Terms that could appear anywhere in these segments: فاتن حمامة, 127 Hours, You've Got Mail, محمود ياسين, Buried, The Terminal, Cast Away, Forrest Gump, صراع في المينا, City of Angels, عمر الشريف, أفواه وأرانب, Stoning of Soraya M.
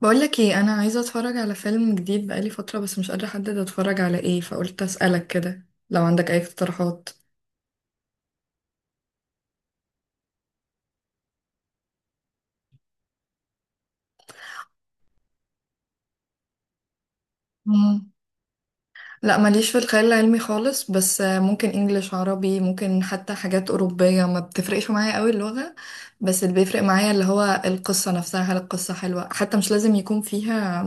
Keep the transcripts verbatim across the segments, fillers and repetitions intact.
بقولك ايه، انا عايزه اتفرج على فيلم جديد بقالي فتره، بس مش قادره احدد اتفرج على ايه، فقلت اسالك كده لو عندك اي اقتراحات. مم. لا، ماليش في الخيال العلمي خالص، بس آه، ممكن انجليش، عربي، ممكن حتى حاجات اوروبيه، ما بتفرقش معايا قوي اللغه. بس اللي بيفرق معايا اللي هو القصه نفسها، هل القصه حلوه، حتى مش لازم يكون فيها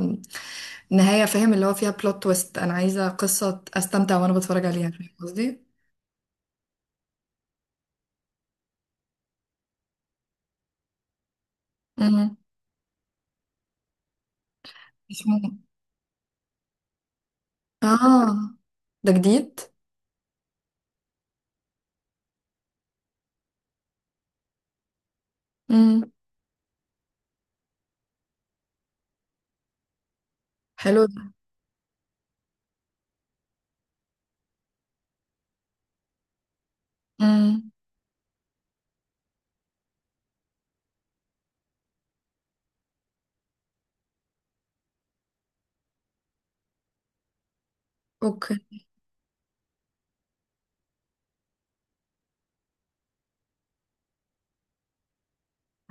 نهايه، فاهم؟ اللي هو فيها بلوت تويست، انا عايزه قصه استمتع وانا بتفرج عليها، فاهم قصدي؟ مم. اسمه. اه، ده جديد؟ مم. حلو. امم اوكي.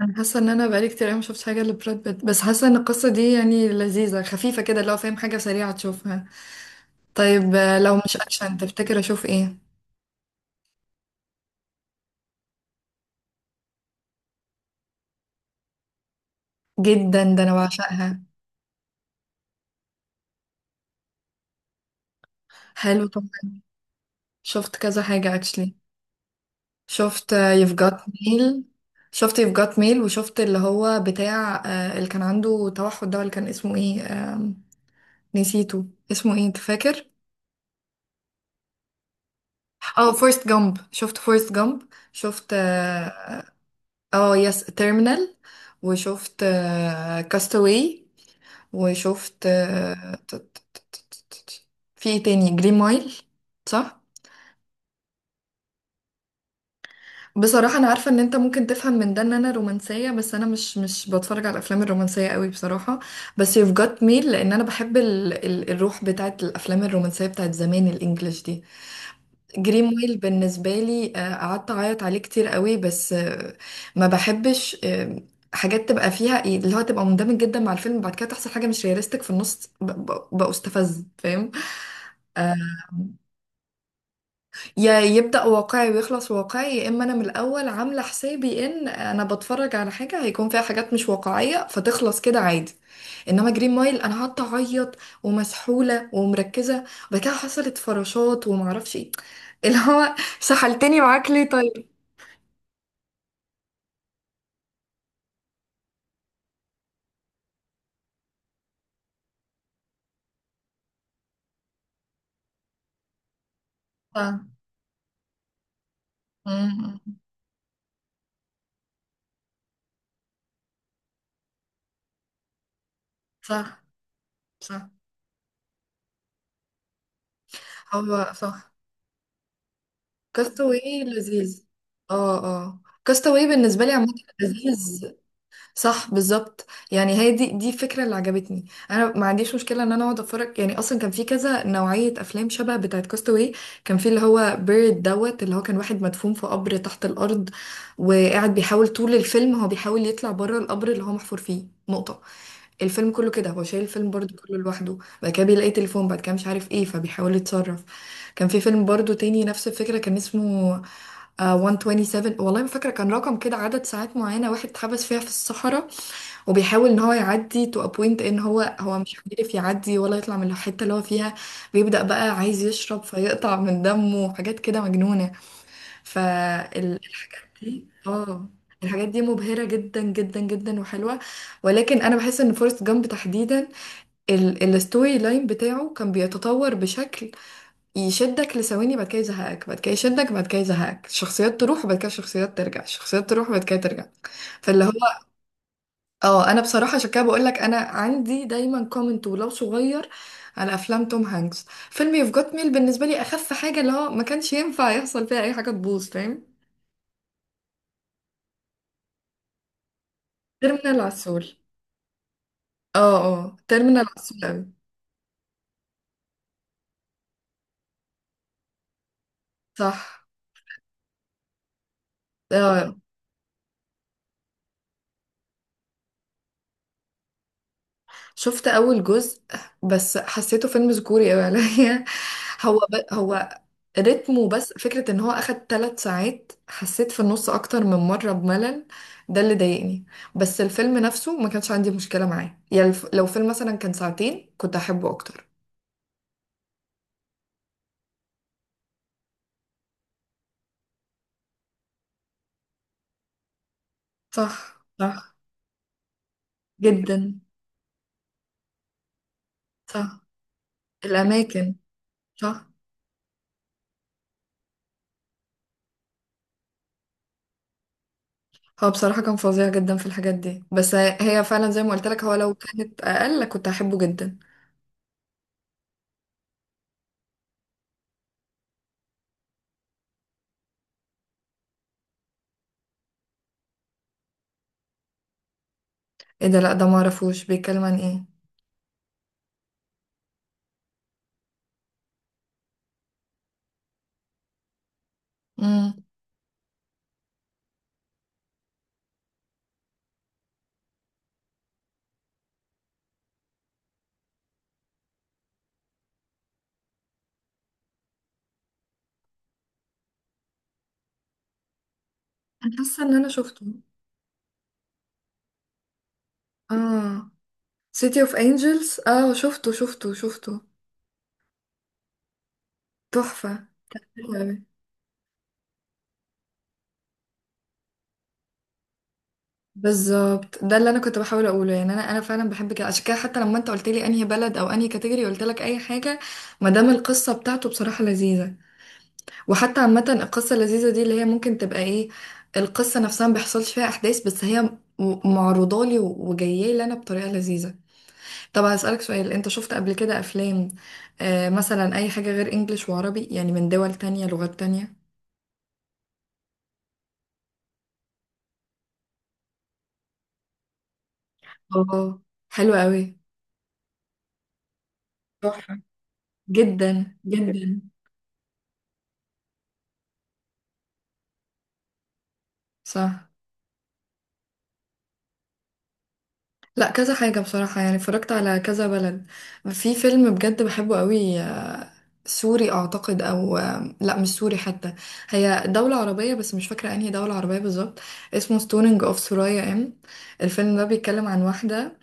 انا حاسه ان انا بقالي كتير قوي ما شفتش حاجه لبراد بيت، بس حاسه ان القصه دي يعني لذيذه، خفيفه كده لو فاهم، حاجه سريعه تشوفها. طيب، آه، لو مش اكشن تفتكر اشوف ايه؟ جدا، ده انا بعشقها. حلو طبعا. شفت كذا حاجه اكشلي. شفت يف جات ميل. شفت يف جات ميل، وشفت اللي هو بتاع آه، اللي كان عنده توحد ده، اللي كان اسمه ايه؟ آم، نسيته. اسمه ايه انت فاكر؟ اه، فورست جامب. شفت فورست جامب. شفت آه، اه، يس تيرمينال. وشفت آه، كاستاوي. وشفت آه، ت- ت- ت- ت- ت- ت- في ايه تاني؟ جرين مايل. صح. بصراحة أنا عارفة إن أنت ممكن تفهم من ده إن أنا رومانسية، بس أنا مش مش بتفرج على الأفلام الرومانسية قوي بصراحة، بس You've Got Mail لأن أنا بحب ال ال الروح بتاعت الأفلام الرومانسية بتاعت زمان، الإنجليش دي. جريمويل بالنسبة لي آه، قعدت أعيط عليه كتير قوي، بس آه، ما بحبش آه، حاجات تبقى فيها إيه، اللي هو تبقى مندمج جدا مع الفيلم بعد كده تحصل حاجة مش رياليستيك في النص ب- ب- بستفز، فاهم؟ آه، يا يبدأ واقعي ويخلص واقعي، يا إما أنا من الأول عاملة حسابي إن أنا بتفرج على حاجة هيكون فيها حاجات مش واقعية فتخلص كده عادي. انما جرين مايل انا قعدت اعيط ومسحوله ومركزه، وبعد كده حصلت فراشات ومعرفش ايه، اللي هو سحلتني معاك ليه طيب؟ صح. مم. صح صح. هو صح، كاستاوي لذيذ. اه اه، كاستاوي بالنسبه لي عامه لذيذ. صح بالظبط. يعني هي دي دي الفكره اللي عجبتني، انا ما عنديش مشكله ان انا اقعد اتفرج، يعني اصلا كان في كذا نوعيه افلام شبه بتاعه كاستاوي. كان في اللي هو بيرد دوت، اللي هو كان واحد مدفون في قبر تحت الارض، وقاعد بيحاول طول الفيلم هو بيحاول يطلع بره القبر اللي هو محفور فيه نقطه. الفيلم كله كده هو شايل الفيلم برضو كله لوحده. بعد كده بيلاقي تليفون، بعد كده مش عارف ايه، فبيحاول يتصرف. كان في فيلم برضو تاني نفس الفكرة، كان اسمه آه، مية وسبعة وعشرين، والله ما فاكرة، كان رقم كده عدد ساعات معينة واحد اتحبس فيها في الصحراء، وبيحاول ان هو يعدي تو ابوينت، ان هو هو مش عارف يعدي ولا يطلع من الحتة اللي هو فيها. بيبدأ بقى عايز يشرب فيقطع من دمه وحاجات كده مجنونة. فالحاجات دي اه، الحاجات دي مبهرة جدا جدا جدا، وحلوة. ولكن انا بحس ان فورست جامب تحديدا، ال- الستوري لاين بتاعه كان بيتطور بشكل يشدك لثواني، بعد كده يزهقك، بعد كده يشدك، بعد كده يزهقك، الشخصيات تروح وبعد كده الشخصيات ترجع، الشخصيات تروح وبعد كده ترجع. فاللي هو اه، انا بصراحة عشان كده بقول لك انا عندي دايما كومنت ولو صغير على افلام توم هانكس. فيلم يوف جوت ميل بالنسبة لي اخف حاجة، اللي هو ما كانش ينفع يحصل فيها اي حاجة تبوظ، فاهم؟ تيرمينال عسول. اه اه، تيرمينال عسول اوي. صح. اه، شفت اول جزء، بس حسيته فيلم ذكوري قوي عليا. هو ب... هو رتمه، بس فكرة ان هو اخد ثلاث ساعات، حسيت في النص اكتر من مرة بملل. ده اللي ضايقني. بس الفيلم نفسه ما كانش عندي مشكلة معاه، يعني الف... لو فيلم مثلا كان ساعتين كنت احبه اكتر. صح صح. جدا. صح، الاماكن. صح. هو بصراحة كان فظيع جدا في الحاجات دي، بس هي فعلا زي ما قلت لك، هو لو كانت اقل كنت احبه جدا. ايه ده؟ لا، ده ما اعرفوش، بيتكلم عن ايه؟ امم انا حاسه ان انا شفته. اه، سيتي اوف انجلز، اه، شفته شفته شفته. تحفه. حلو أوي. بالظبط، ده اللي انا كنت بحاول اقوله. يعني انا انا فعلا بحب كده، عشان كده حتى لما انت قلت لي انهي بلد او انهي كاتيجوري، قلت لك اي حاجه ما دام القصه بتاعته بصراحه لذيذه. وحتى عامه، القصه اللذيذه دي اللي هي ممكن تبقى ايه، القصه نفسها ما بيحصلش فيها احداث بس هي م- معروضه لي وجايه لي انا بطريقه لذيذه. طب هسألك سؤال، انت شفت قبل كده افلام آه مثلا اي حاجة غير انجليش وعربي يعني من دول تانية، لغات تانية؟ اه، حلوة قوي. تحفة. جدا جدا. صح. لا، كذا حاجة بصراحة، يعني اتفرجت على كذا بلد. في فيلم بجد بحبه قوي، آه، سوري اعتقد، او آه، لا مش سوري حتى، هي دولة عربية بس مش فاكرة انهي دولة عربية بالظبط. اسمه ستونينج اوف سورايا. ام الفيلم ده بيتكلم عن واحدة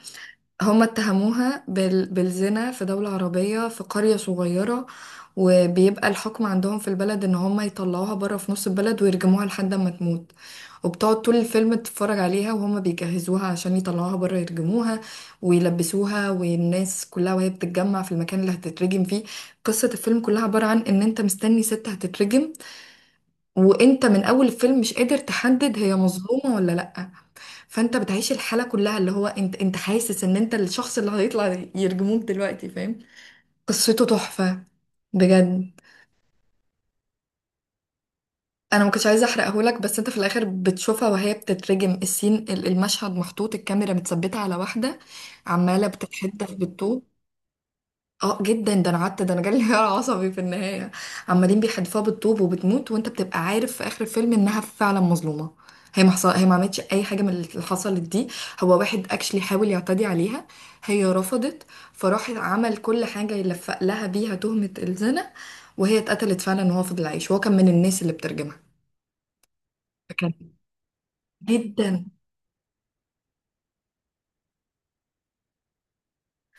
هما اتهموها بال... بالزنا في دولة عربية، في قرية صغيرة. وبيبقى الحكم عندهم في البلد ان هما يطلعوها بره في نص البلد ويرجموها لحد ما تموت. وبتقعد طول الفيلم تتفرج عليها وهما بيجهزوها عشان يطلعوها بره يرجموها ويلبسوها، والناس كلها وهي بتتجمع في المكان اللي هتترجم فيه. قصة الفيلم كلها عبارة عن ان انت مستني ست هتترجم، وانت من اول الفيلم مش قادر تحدد هي مظلومة ولا لأ. فانت بتعيش الحاله كلها، اللي هو انت انت حاسس ان انت الشخص اللي هيطلع يرجموك دلوقتي، فاهم؟ قصته تحفه بجد. انا ما كنتش عايزه احرقه لك، بس انت في الاخر بتشوفها وهي بتترجم، السين ال- المشهد محطوط الكاميرا متثبته على واحده عماله بتتحدث بالطول. اه جدا، ده انا قعدت ده انا جالي انهيار عصبي في النهايه. عمالين بيحدفوها بالطوب وبتموت، وانت بتبقى عارف في اخر الفيلم انها فعلا مظلومه. هي ما حصل... هي ما عملتش اي حاجه من اللي حصلت دي، هو واحد اكشلي حاول يعتدي عليها، هي رفضت، فراح عمل كل حاجه يلفق لها بيها تهمه الزنا. وهي اتقتلت فعلا وهو فضل عايش، هو كان من الناس اللي بترجمها. كان جدا.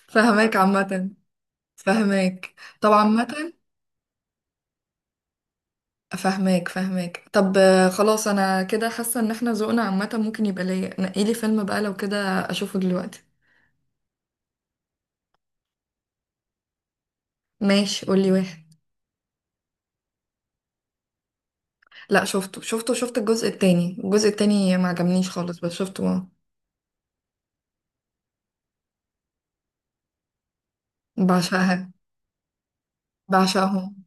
فهماك عامه. فهماك طبعا عامه. فاهماك فاهماك. طب آه، خلاص، انا كده حاسه ان احنا ذوقنا عامه ممكن يبقى ليا، نقيلي فيلم بقى لو كده اشوفه دلوقتي. ماشي قولي واحد. لا شفته شفته، شفت الجزء التاني، الجزء التاني ما عجبنيش خالص بس شفته آه، بعشقها. بعشقهم.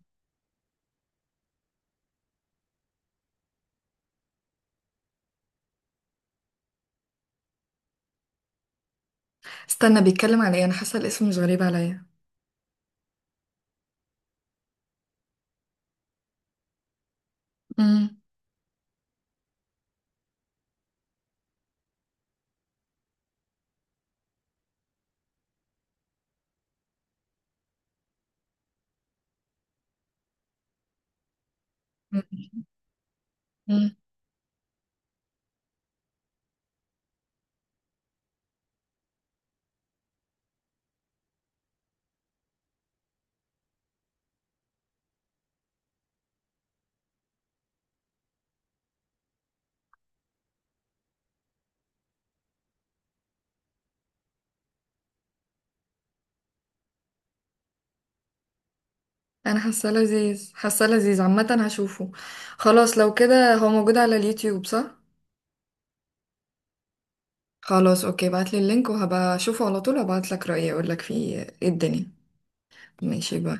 استنى، بيتكلم على ايه؟ انا حاسه الاسم مش غريب عليا. امم امم انا حاسه لذيذ، حاسه لذيذ عامه، هشوفه. خلاص لو كده هو موجود على اليوتيوب، صح؟ خلاص اوكي، بعتلي اللينك وهبقى اشوفه على طول، وابعتلك رأيي اقولك فيه ايه الدنيا. ماشي، باي.